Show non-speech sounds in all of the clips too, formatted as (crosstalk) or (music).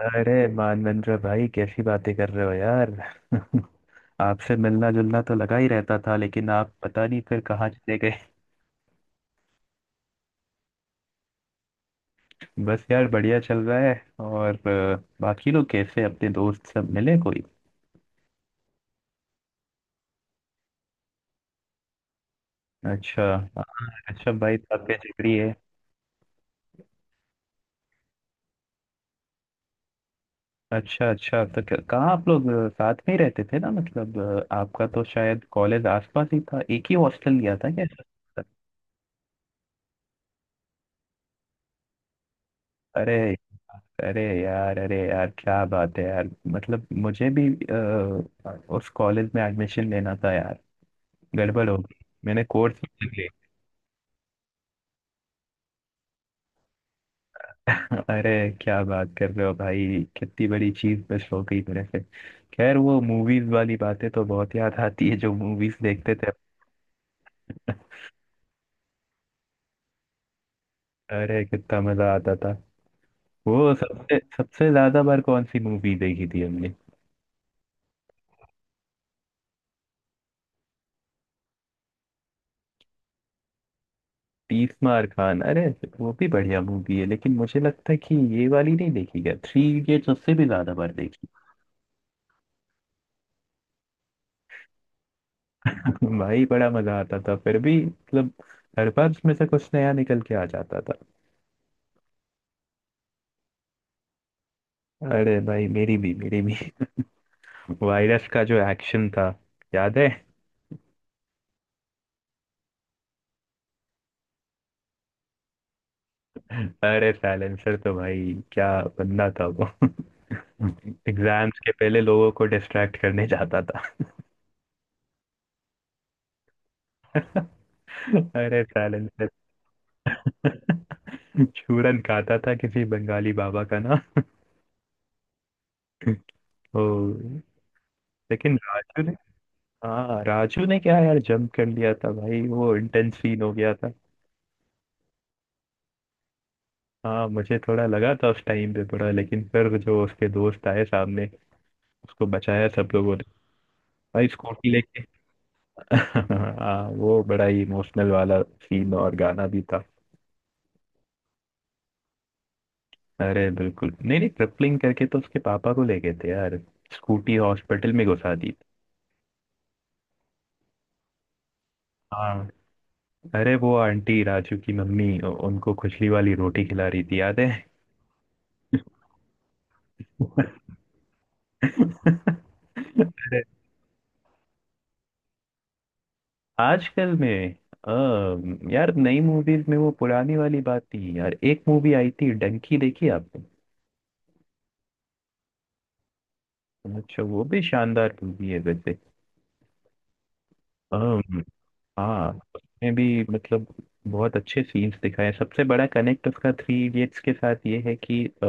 अरे मानवेंद्र भाई, कैसी बातें कर रहे हो यार। (laughs) आपसे मिलना जुलना तो लगा ही रहता था, लेकिन आप पता नहीं फिर कहाँ चले गए। (laughs) बस यार, बढ़िया चल रहा है। और बाकी लोग कैसे? अपने दोस्त सब मिले कोई? अच्छा। हाँ। अच्छा, भाई तो आपके जिगरी है। अच्छा अच्छा, तो कहाँ आप लोग साथ में ही रहते थे ना, मतलब आपका तो शायद कॉलेज आसपास ही था। एक ही हॉस्टल लिया था क्या? अरे, अरे यार, अरे यार क्या बात है यार। मतलब मुझे भी अ, उस कॉलेज में एडमिशन लेना था यार। गड़बड़ हो गई, मैंने कोर्स बदल लिया। (laughs) अरे, क्या बात कर रहे हो भाई, कितनी बड़ी चीज मिस हो गई मेरे से। खैर, वो मूवीज वाली बातें तो बहुत याद आती है, जो मूवीज देखते थे। (laughs) अरे, कितना मजा आता था। वो सबसे सबसे ज्यादा बार कौन सी मूवी देखी थी हमने? तीस मार खान? अरे, वो भी बढ़िया मूवी है, लेकिन मुझे लगता है कि ये वाली नहीं, देखी गया थ्री इडियट्स, उससे भी ज्यादा बार देखी। (laughs) भाई, बड़ा मजा आता था फिर भी, मतलब हर बार उसमें से कुछ नया निकल के आ जाता था। अरे भाई, मेरी भी मेरी भी। (laughs) वायरस का जो एक्शन था, याद है? अरे साइलेंसर तो भाई क्या बंदा था वो। (laughs) एग्जाम्स के पहले लोगों को डिस्ट्रैक्ट करने जाता था। (laughs) अरे साइलेंसर। (laughs) चूरन खाता था किसी बंगाली बाबा का ना। (laughs) ओ, लेकिन राजू ने, हाँ राजू ने क्या यार, जंप कर लिया था भाई, वो इंटेंस सीन हो गया था। हाँ, मुझे थोड़ा लगा था उस टाइम पे थोड़ा, लेकिन फिर जो उसके दोस्त आए सामने, उसको बचाया सब लोगों ने। भाई स्कूटी लेके। (laughs) हाँ, वो बड़ा ही इमोशनल वाला सीन और गाना भी था। अरे बिल्कुल नहीं, नहीं, ट्रिपलिंग करके तो उसके पापा को ले गए थे यार। स्कूटी हॉस्पिटल में घुसा दी। हाँ। अरे वो आंटी, राजू की मम्मी, उनको खुजली वाली रोटी खिला रही थी, याद है? (laughs) अरे, आजकल में यार नई मूवीज में वो पुरानी वाली बात थी यार। एक मूवी आई थी डंकी, देखी आपने? अच्छा, वो भी शानदार मूवी है वैसे। अम, हाँ उसमें भी मतलब बहुत अच्छे सीन्स दिखाए हैं। सबसे बड़ा कनेक्ट उसका थ्री इडियट्स के साथ ये है कि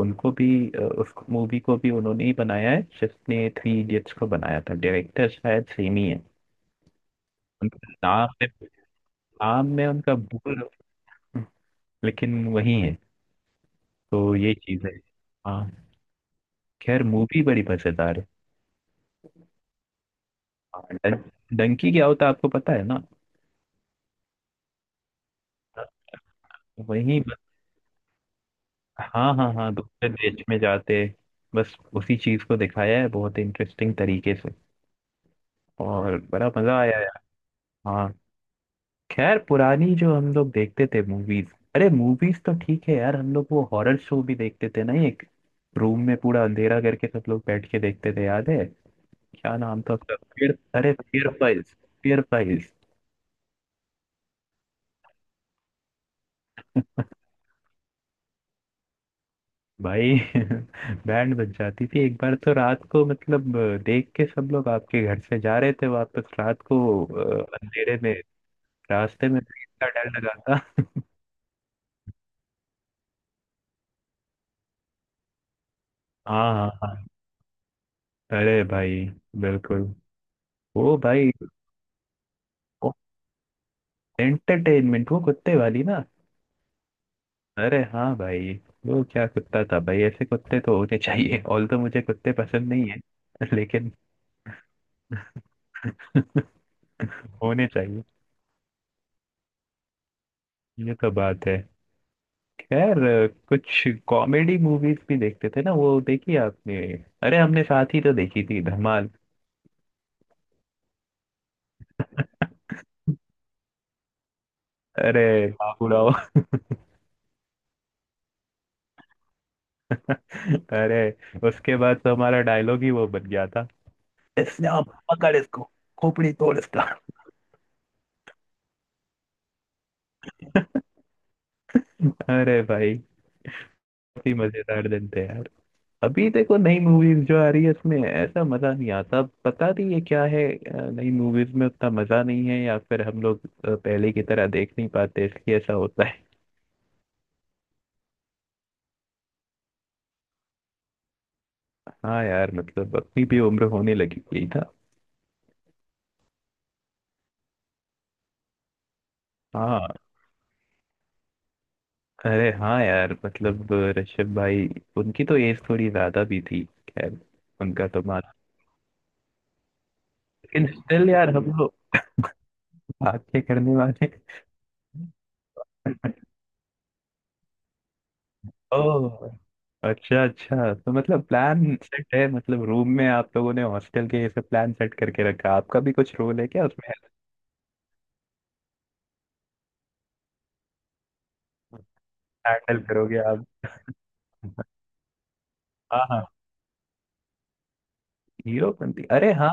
उनको भी उस मूवी को भी उन्होंने ही बनाया है जिसने थ्री इडियट्स को बनाया था। डायरेक्टर शायद सेम ही है। उनका नाम में, नाम में उनका भूल, लेकिन वही है। तो ये चीज है। हाँ। खैर, मूवी बड़ी मजेदार है। हाँ, डं, डंकी क्या होता है आपको पता है ना? वही। हाँ हाँ हाँ, दूसरे देश में जाते। बस उसी चीज को दिखाया है बहुत इंटरेस्टिंग तरीके से। और बड़ा मजा आया यार। हाँ। खैर पुरानी जो हम लोग देखते थे मूवीज, अरे मूवीज तो ठीक है यार, हम लोग वो हॉरर शो भी देखते थे ना एक। रूम में पूरा अंधेरा करके सब लोग बैठ के देखते थे, याद है? क्या नाम था उसका फिर, अरे फियर फाइल्स। Fear files. भाई। (laughs) बैंड बज जाती थी एक बार तो रात को, मतलब देख के सब लोग आपके घर से जा रहे थे वापस रात को अंधेरे में। रास्ते में भीड़ का डर लगा था। हाँ हाँ हाँ। अरे भाई, बिल्कुल। वो भाई एंटरटेनमेंट, वो कुत्ते वाली ना। अरे हाँ भाई, वो क्या कुत्ता था भाई, ऐसे कुत्ते तो होने चाहिए। ऑल तो मुझे कुत्ते पसंद नहीं है। (laughs) लेकिन (laughs) होने चाहिए। ये तो बात है। खैर, कुछ कॉमेडी मूवीज भी देखते थे ना, वो देखी आपने? अरे हमने साथ ही तो देखी थी धमाल। अरे बाबूराव। (laughs) अरे, उसके बाद तो हमारा डायलॉग ही वो बन गया था। इसने आप पकड़ इसको, खोपड़ी तोड़ इसका। अरे भाई, काफी मजेदार दिन थे यार। अभी देखो नई मूवीज जो आ रही है, इसमें ऐसा मजा नहीं आता। पता नहीं ये क्या है, नई मूवीज में उतना मजा नहीं है, या फिर हम लोग पहले की तरह देख नहीं पाते, इसलिए ऐसा होता है। हाँ यार, मतलब अपनी भी उम्र होने लगी हुई था। हाँ। अरे हाँ यार, मतलब ऋषभ भाई, उनकी तो एज थोड़ी ज्यादा भी थी। खैर, उनका तो मान, लेकिन स्टिल यार हम लोग, भाग के करने वाले। ओह, अच्छा अच्छा, तो मतलब प्लान सेट है, मतलब रूम में आप लोगों ने हॉस्टल के ये सब प्लान सेट करके रखा। आपका भी कुछ रोल है क्या उसमें? हैंडल करोगे आप? हाँ हाँ, हीरोपंती, अरे हाँ।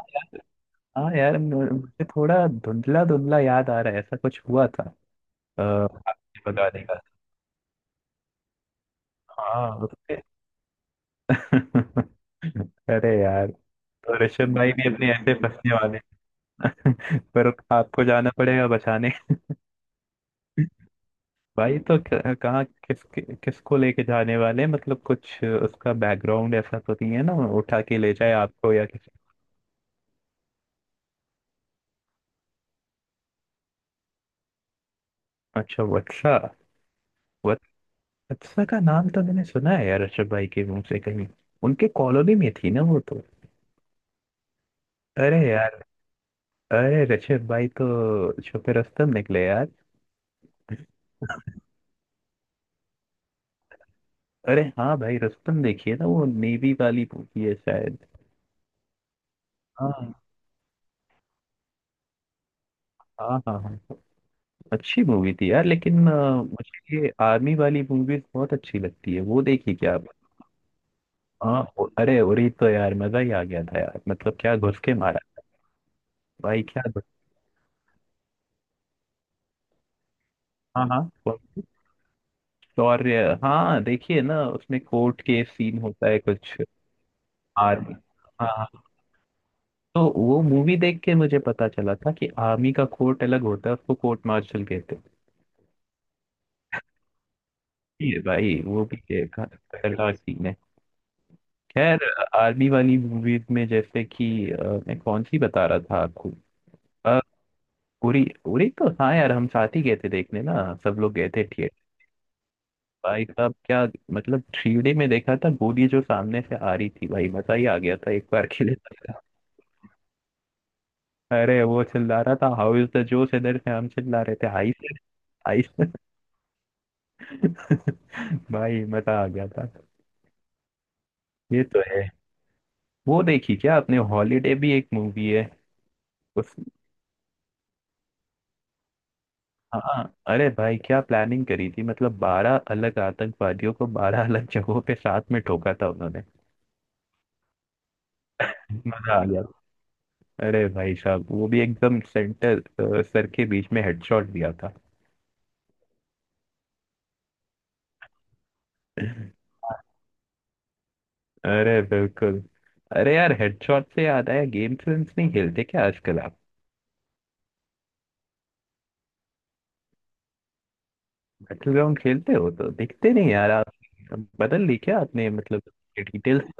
हाँ यार, मुझे थोड़ा धुंधला धुंधला याद आ रहा है, ऐसा कुछ हुआ था। आपके बताने का, हाँ उससे। (laughs) अरे यार, तो ऋषभ भाई भी अपने ऐसे फंसने वाले। (laughs) पर आपको जाना पड़ेगा बचाने। भाई तो कहाँ, किस किसको लेके जाने वाले हैं? मतलब कुछ उसका बैकग्राउंड ऐसा तो नहीं है ना, उठा के ले जाए आपको या किसी। अच्छा वत्सा। वत- वत्सा का नाम तो मैंने सुना है यार ऋषभ भाई के मुंह से कहीं। उनके कॉलोनी में थी ना वो तो। अरे यार, अरे ऋषभ भाई तो छुपे रुस्तम निकले यार। अरे हाँ भाई, रुस्तम देखिए ना, वो नेवी वाली मूवी है शायद। हाँ हाँ हाँ। हाँ, अच्छी मूवी थी यार, लेकिन मुझे ये आर्मी वाली मूवीज बहुत अच्छी लगती है। वो देखी क्या? हाँ, अरे उरी तो यार मजा ही आ गया था यार, मतलब क्या घुस के मारा। भाई क्या हाँ हाँ, कौन सी? और हाँ देखिए ना, उसमें कोर्ट केस सीन होता है कुछ, आर्मी। हाँ हाँ। तो वो मूवी देख के मुझे पता चला था कि आर्मी का कोर्ट अलग होता है, उसको कोर्ट मार्शल कहते हैं। ये भाई, वो भी एक खतरनाक सीन है। खैर, आर्मी वाली मूवीज में जैसे कि मैं कौन सी बता रहा था आपको? अ, उरी, उरी तो हाँ यार, हम साथ ही गए थे देखने ना। सब लोग गए थे। भाई साहब क्या, मतलब थ्री डी में देखा था, गोली जो सामने से आ रही थी भाई, मजा ही आ गया था एक बार के लिए। तो। अरे वो चिल्ला रहा था हाउ इज द जोश, इधर से हम चिल्ला रहे थे हाई से। हाई से। (laughs) भाई, मजा आ गया था। ये तो है। वो देखी क्या आपने, हॉलीडे भी एक मूवी है। उस, हाँ अरे भाई क्या प्लानिंग करी थी, मतलब बारह अलग आतंकवादियों को बारह अलग जगहों पे साथ में ठोका था उन्होंने। मजा आ गया। अरे भाई साहब, वो भी एकदम सेंटर सर के बीच में हेडशॉट दिया था। अरे बिल्कुल। अरे यार हेडशॉट से याद आया, गेम्स वेम्स नहीं खेलते क्या आजकल आप? बैटल ग्राउंड खेलते हो तो दिखते नहीं यार आप। बदल ली क्या आपने, मतलब डिटेल्स?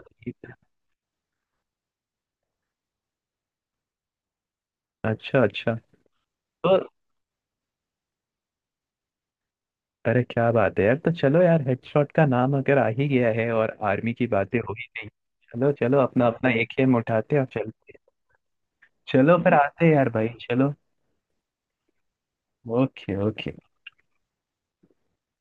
अच्छा अच्छा। तो अरे क्या बात है यार, तो चलो यार, हेडशॉट का नाम अगर आ ही गया है और आर्मी की बातें हो ही गई, चलो चलो, अपना अपना एक एम उठाते हैं और चलते हैं। चलो फिर आते हैं यार भाई, चलो। Okay okay.